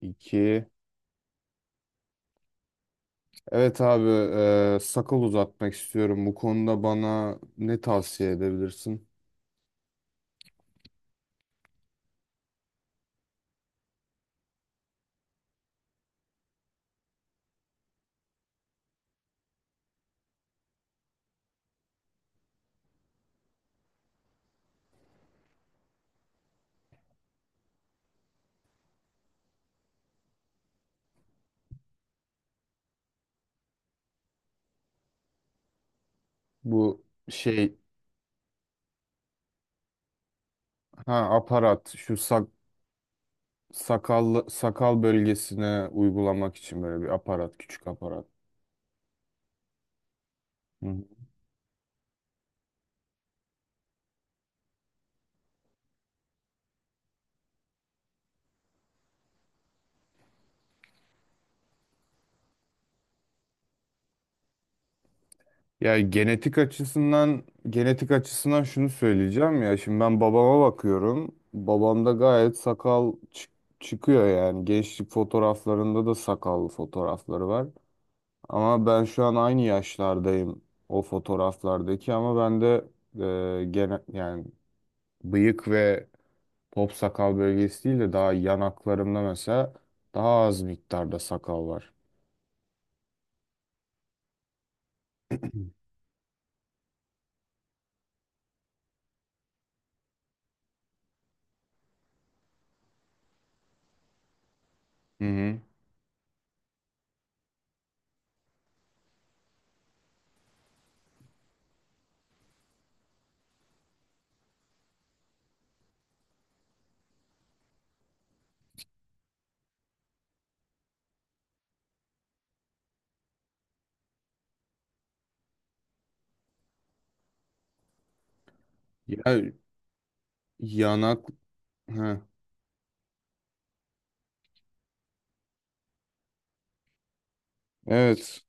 İki. Evet abi, sakal uzatmak istiyorum. Bu konuda bana ne tavsiye edebilirsin? Bu şey, ha aparat, sakal bölgesine uygulamak için böyle bir aparat, küçük aparat. Hı hı. Ya genetik açısından, genetik açısından şunu söyleyeceğim ya. Şimdi ben babama bakıyorum. Babamda gayet çıkıyor yani, gençlik fotoğraflarında da sakal fotoğrafları var. Ama ben şu an aynı yaşlardayım o fotoğraflardaki, ama bende gene yani bıyık ve top sakal bölgesi değil de daha yanaklarımda mesela daha az miktarda sakal var. Hı hı. Ya yanak. Ha. Evet.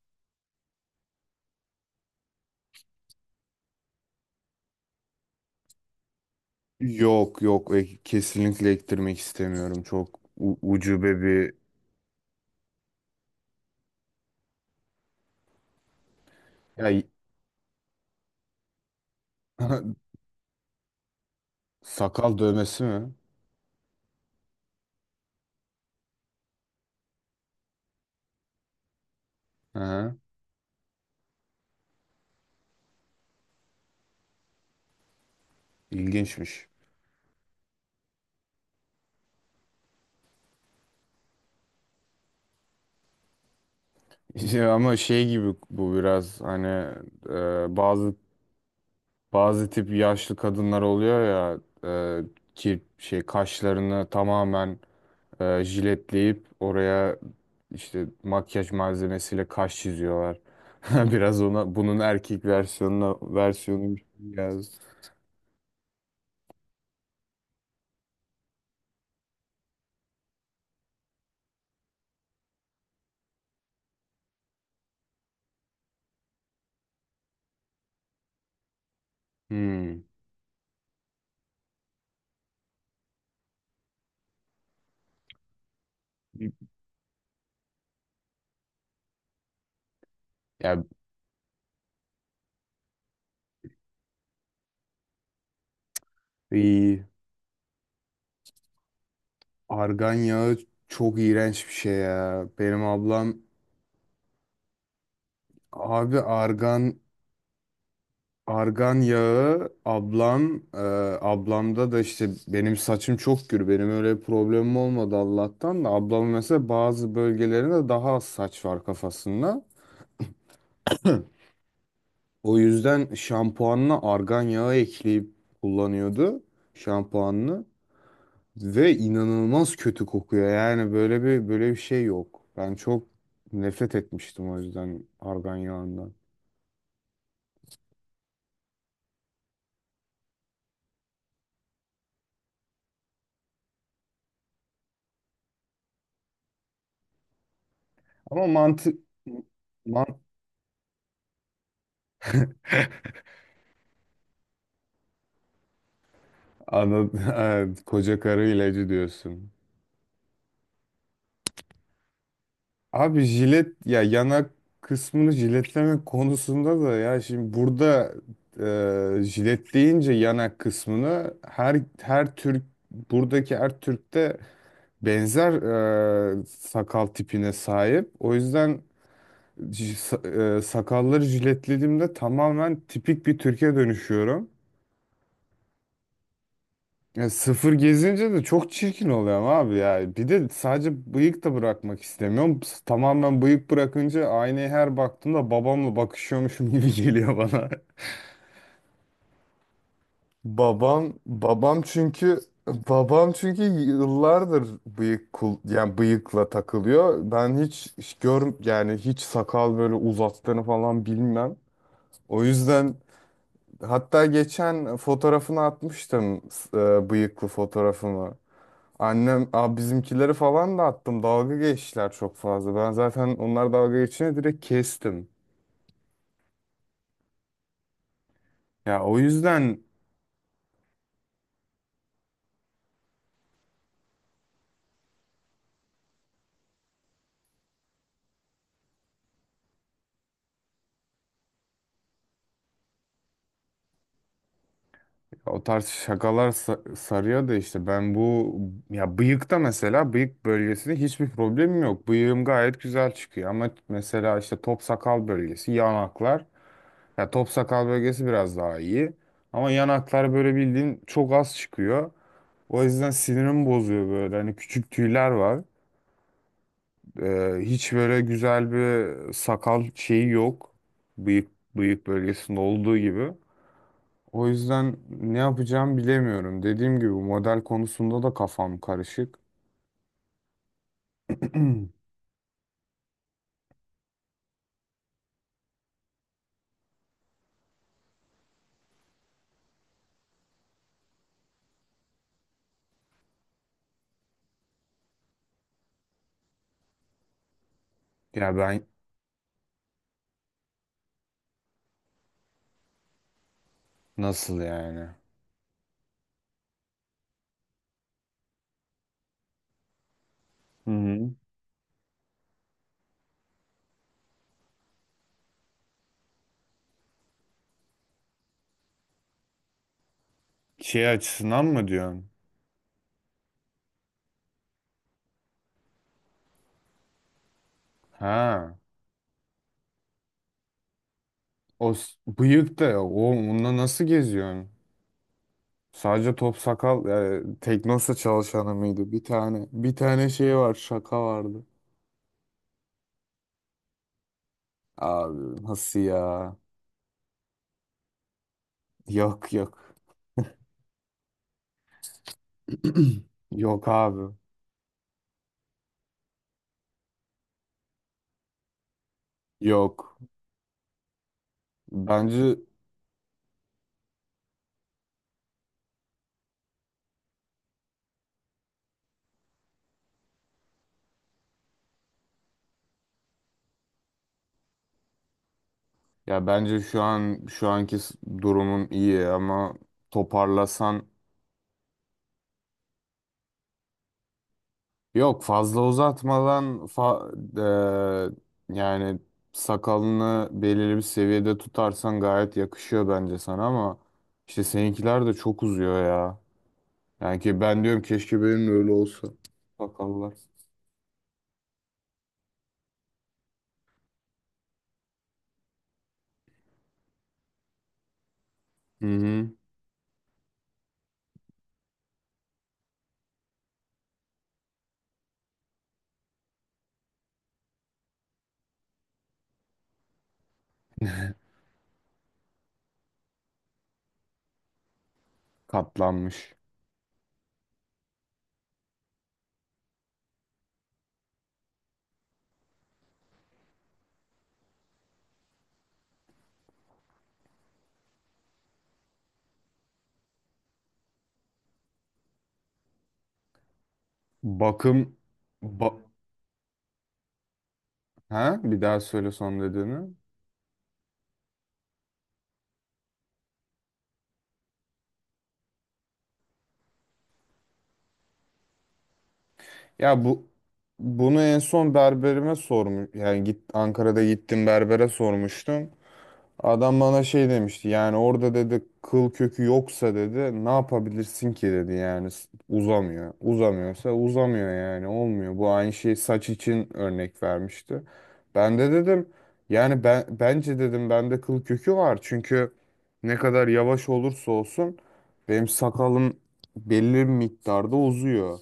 Yok yok. Kesinlikle ektirmek istemiyorum. Çok ucube bir ya, sakal dövmesi mi? Hı hı. İlginçmiş. İşte ama şey gibi bu biraz hani e, bazı bazı tip yaşlı kadınlar oluyor ya, e, ki şey kaşlarını tamamen, jiletleyip oraya işte makyaj malzemesiyle kaş çiziyorlar. Biraz ona, bunun erkek versiyonuna versiyonu biraz. Hmm. Ya iyi. Argan yağı çok iğrenç bir şey ya. Benim ablam, abi argan argan yağı ablam, ablamda da işte, benim saçım çok gür, benim öyle problemim olmadı Allah'tan da, ablamın mesela bazı bölgelerinde daha az saç var kafasında. Hı. O yüzden şampuanına argan yağı ekleyip kullanıyordu şampuanını, ve inanılmaz kötü kokuyor. Yani böyle bir şey yok. Ben çok nefret etmiştim o yüzden argan yağından. Ama mantı mantıklı. Anladım. Koca karı ilacı diyorsun. Abi jilet ya, yanak kısmını jiletleme konusunda da, ya şimdi burada jiletleyince yanak kısmını, her Türk, buradaki her Türk'te benzer sakal tipine sahip. O yüzden sakalları jiletlediğimde tamamen tipik bir Türk'e dönüşüyorum. Ya sıfır gezince de çok çirkin oluyorum abi ya. Bir de sadece bıyık da bırakmak istemiyorum. Tamamen bıyık bırakınca, aynaya her baktığımda babamla bakışıyormuşum gibi geliyor bana. Babam babam çünkü babam çünkü yıllardır bıyık kul yani bıyıkla takılıyor. Ben hiç hiç gör yani hiç sakal böyle uzattığını falan bilmem. O yüzden hatta geçen fotoğrafını atmıştım, bıyıklı fotoğrafımı. Annem, bizimkileri falan da attım. Dalga geçtiler çok fazla. Ben zaten onlar dalga geçince direkt kestim. Ya o yüzden o tarz şakalar sarıyor da, işte ben bu, ya bıyıkta, mesela bıyık bölgesinde hiçbir problemim yok. Bıyığım gayet güzel çıkıyor ama mesela işte top sakal bölgesi, yanaklar. Ya top sakal bölgesi biraz daha iyi ama yanaklar böyle bildiğin çok az çıkıyor. O yüzden sinirim bozuyor böyle. Hani küçük tüyler var. Hiç böyle güzel bir sakal şeyi yok. Bıyık, bıyık bölgesinde olduğu gibi. O yüzden ne yapacağım bilemiyorum. Dediğim gibi model konusunda da kafam karışık. Ya ben, nasıl yani? Hı hı. Şey açısından mı diyorsun? Ha. Bıyık da, o onunla nasıl geziyorsun? Sadece top sakal, Teknosa çalışanı mıydı? Bir tane şey var, şaka vardı. Abi nasıl ya? Yok yok. Yok abi. Yok. Bence, ya bence şu an, şu anki durumum iyi ama toparlasan, yok fazla uzatmadan yani sakalını belirli bir seviyede tutarsan gayet yakışıyor bence sana ama işte seninkiler de çok uzuyor ya. Yani ki ben diyorum keşke benim de öyle olsa. Sakallar. Hı hı. Katlanmış. Bakım, ba ha bir daha söyle son dediğini. Ya bu, bunu en son berberime sormuş. Yani git, Ankara'da gittim berbere sormuştum. Adam bana şey demişti. Yani orada dedi kıl kökü yoksa dedi ne yapabilirsin ki dedi yani, uzamıyor. Uzamıyorsa uzamıyor yani, olmuyor. Bu aynı şey saç için örnek vermişti. Ben de dedim yani ben bence dedim bende kıl kökü var. Çünkü ne kadar yavaş olursa olsun benim sakalım belli bir miktarda uzuyor.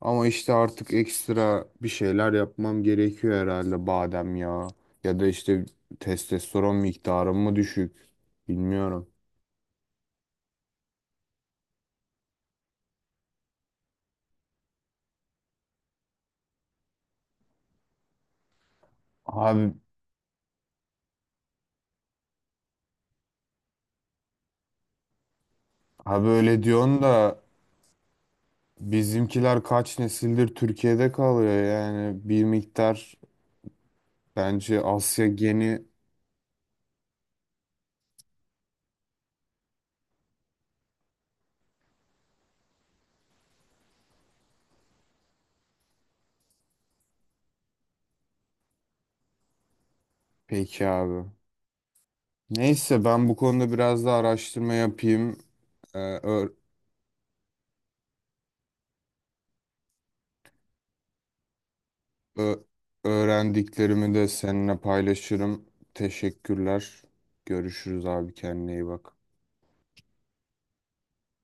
Ama işte artık ekstra bir şeyler yapmam gerekiyor herhalde, badem yağı. Ya da işte testosteron miktarım mı düşük? Bilmiyorum. Abi, Abi öyle diyorsun da, bizimkiler kaç nesildir Türkiye'de kalıyor yani, bir miktar bence Asya geni. Peki abi. Neyse, ben bu konuda biraz daha araştırma yapayım. Ee, Ö- Öğrendiklerimi de seninle paylaşırım. Teşekkürler. Görüşürüz abi, kendine iyi bak.